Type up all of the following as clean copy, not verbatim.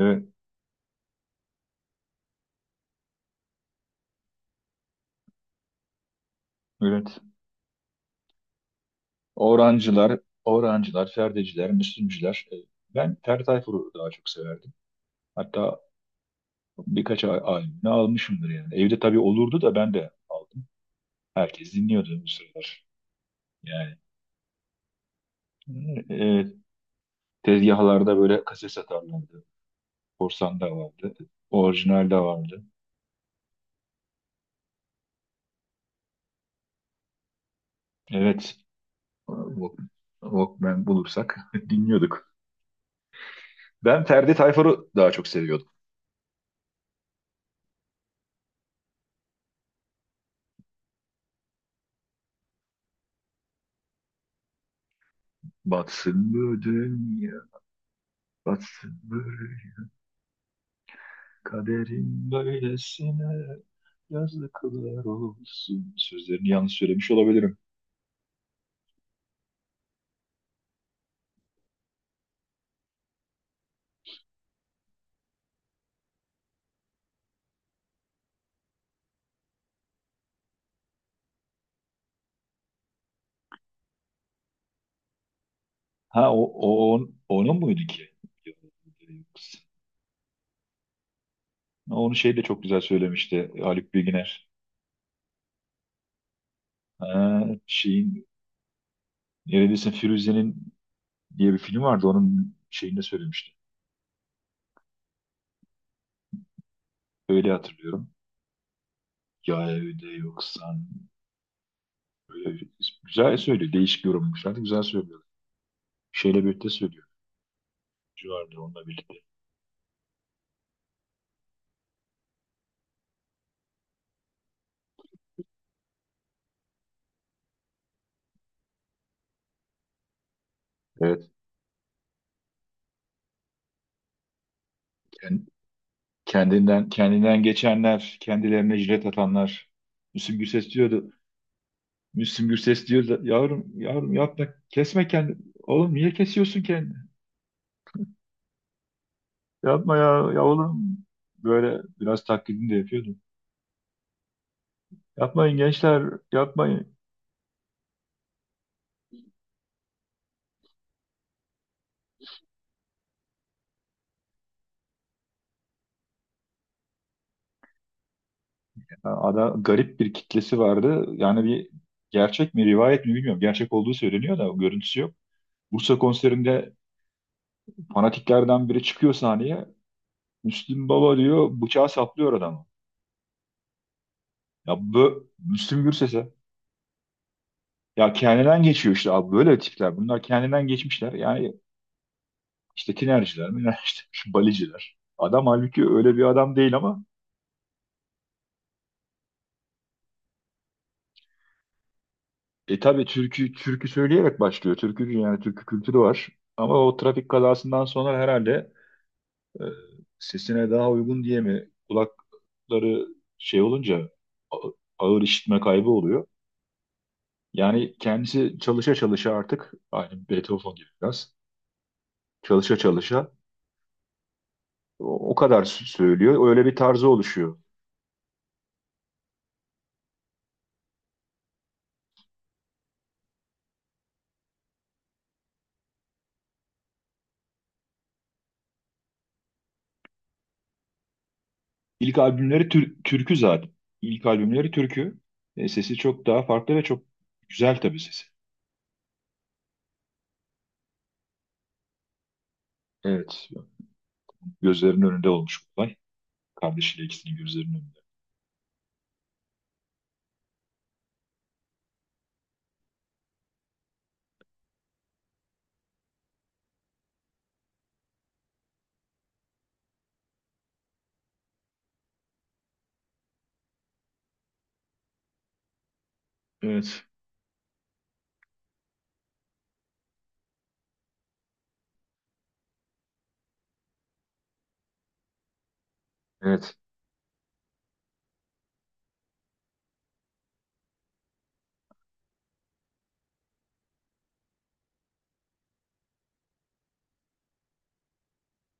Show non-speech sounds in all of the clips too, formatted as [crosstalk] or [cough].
Evet, evet. Orancılar, Orancılar, Ferdeciler, Müslümcüler. Ben Ferdi Tayfur'u daha çok severdim. Hatta birkaç albümünü almışımdır yani. Evde tabii olurdu da ben de aldım. Herkes dinliyordu bu sıralar. Yani e, e, tezgahlarda böyle kaset satarlardı. Korsan da vardı. Orijinal de vardı. Evet. Walk- Walkman bulursak [laughs] dinliyorduk. Ben Ferdi Tayfur'u daha çok seviyordum. Batsın bu dünya, batsın bu kaderim böylesine yazdı kılar olsun. Sözlerini yanlış söylemiş olabilirim. Ha, o onun muydu ki? Onu şey de çok güzel söylemişti Haluk Bilginer. Ha, şeyin neredeyse Firuze'nin diye bir film vardı, onun şeyinde söylemişti. Öyle hatırlıyorum. Ya evde yoksan böyle güzel söylüyor. Değişik yorumlamışlar. Güzel söylüyor. Şeyle birlikte söylüyor. Civarda onunla birlikte. Evet. Kendinden geçenler, kendilerine jilet atanlar. Müslüm Gürses diyordu. Müslüm Gürses diyor da, yavrum yavrum yapma, kesme kendini. Oğlum, niye kesiyorsun kendini? Yapma ya, ya oğlum. Böyle biraz taklidini de yapıyordu. Yapmayın gençler, yapmayın. Ya adam garip bir kitlesi vardı. Yani bir, gerçek mi rivayet mi bilmiyorum. Gerçek olduğu söyleniyor da görüntüsü yok. Bursa konserinde fanatiklerden biri çıkıyor sahneye. Müslüm Baba diyor, bıçağı saplıyor adamı. Ya bu Müslüm Gürses'e. Ya kendinden geçiyor işte abi, böyle tipler. Bunlar kendinden geçmişler. Yani işte tinerciler, minerciler, [laughs] şu baliciler. Adam halbuki öyle bir adam değil ama tabii türkü türkü söyleyerek başlıyor. Türkücü, yani türkü kültürü var. Ama o trafik kazasından sonra herhalde e, sesine daha uygun diye mi kulakları şey olunca a- ağır işitme kaybı oluyor. Yani kendisi çalışa çalışa artık aynı Beethoven gibi biraz, çalışa çalışa o kadar söylüyor. Öyle bir tarzı oluşuyor. İlk albümleri türkü zaten. İlk albümleri türkü. Sesi çok daha farklı ve çok güzel tabii sesi. Evet. Gözlerinin önünde olmuş bu olay. Kardeşiyle ikisinin gözlerinin önünde. Evet. Evet.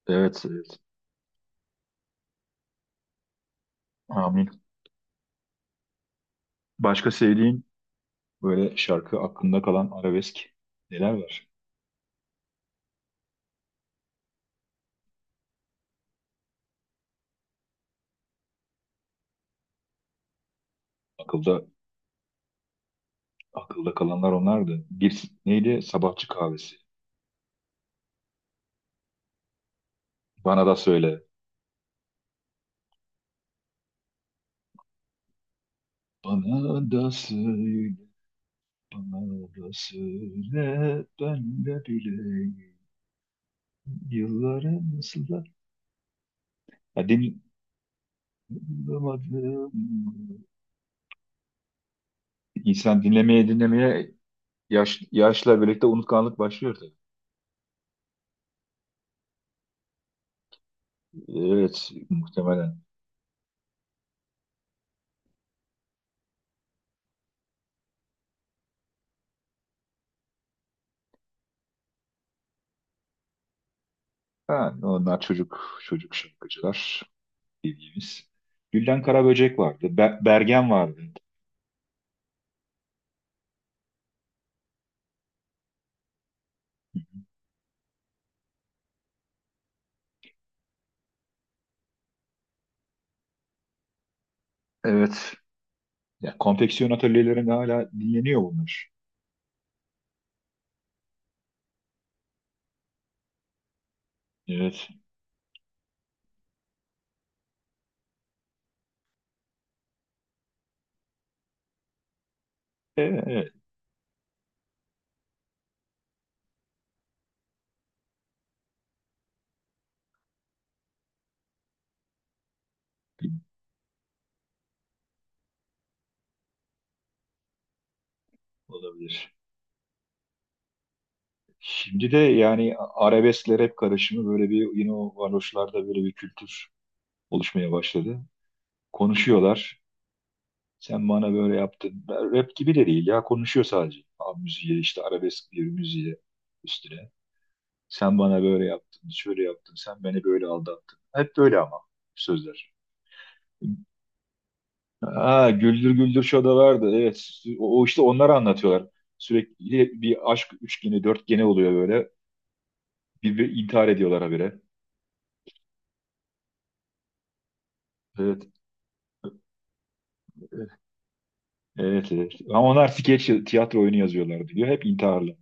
Evet. Evet. Amin. Başka sevdiğin böyle şarkı aklında kalan arabesk neler var? Akılda akılda kalanlar onlardı. Bir, neydi? Sabahçı kahvesi. Bana da söyle. Bana da söyle, bana da söyle, ben de bileyim. Yılları nasıl da, ya bulamadım. İnsan dinlemeye dinlemeye yaşla birlikte unutkanlık başlıyor tabii. Evet, muhtemelen. Ha, onlar çocuk çocuk şarkıcılar bildiğimiz. Gülden Karaböcek vardı. Bergen vardı. Evet. Ya, konfeksiyon atölyelerinde hala dinleniyor bunlar. Evet. Evet, olabilir. Şimdi de yani arabeskle rap karışımı böyle bir, yine o varoşlarda böyle bir kültür oluşmaya başladı. Konuşuyorlar. Sen bana böyle yaptın. Rap gibi de değil ya. Konuşuyor sadece. Abi müziğe işte, arabesk bir müziğe üstüne. Sen bana böyle yaptın. Şöyle yaptın. Sen beni böyle aldattın. Hep böyle ama sözler. Ha, Güldür Güldür Show'da vardı. Evet. O işte, onları anlatıyorlar. Sürekli bir aşk üçgeni, dörtgeni oluyor böyle. Bir intihar ediyorlar habire. Evet. Evet, evet. Ama onlar skeç, tiyatro oyunu yazıyorlar diyor. Hep intiharlı.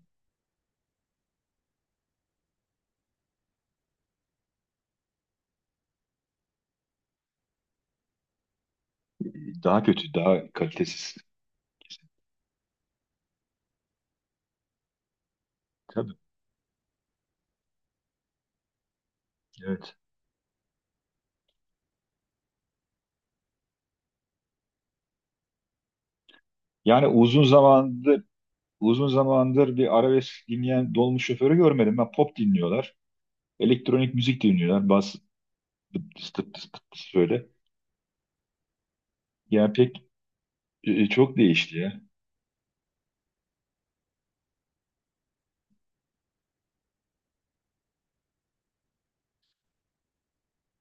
Daha kötü, daha kalitesiz. Tabii. Evet. Yani uzun zamandır bir arabesk dinleyen dolmuş şoförü görmedim. Ben, pop dinliyorlar. Elektronik müzik dinliyorlar. Bas, tıp tıs tıp tıs tıp tıs böyle. Yani pek, çok değişti ya.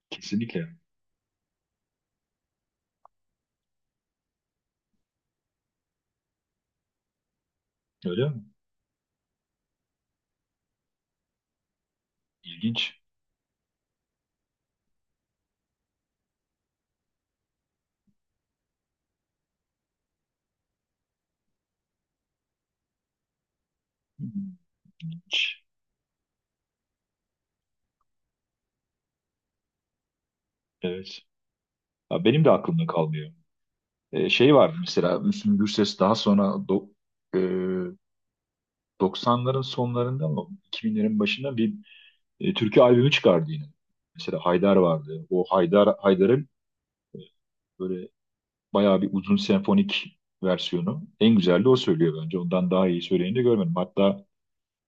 Kesinlikle. Öyle mi? İlginç. İlginç. Evet. Ya benim de aklımda kalmıyor. Şey vardı mesela, Müslüm Gürses daha sonra e, 90'ların sonlarında mı 2000'lerin başında bir türkü albümü çıkardı yine. Mesela Haydar vardı. O Haydar Haydar'ın böyle bayağı bir uzun senfonik versiyonu. En güzel de o söylüyor bence. Ondan daha iyi söyleyeni de görmedim. Hatta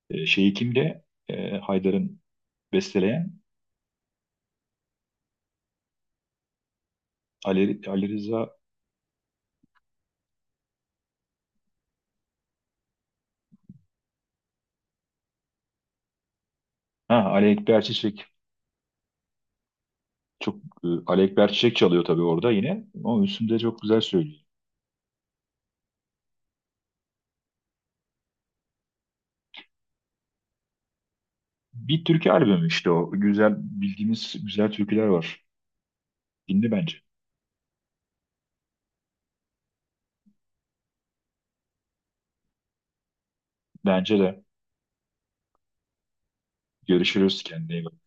şeyi kimde? Haydar'ın besteleyen, Ali Rıza, ha, Ali Ekber Çiçek. Çok, Ali Ekber Çiçek çalıyor tabii orada yine. Ama üstünde çok güzel söylüyor. Bir türkü albümü işte o. Güzel, bildiğimiz güzel türküler var. Dinle bence. Bence de. Görüşürüz. Kendine iyi bak.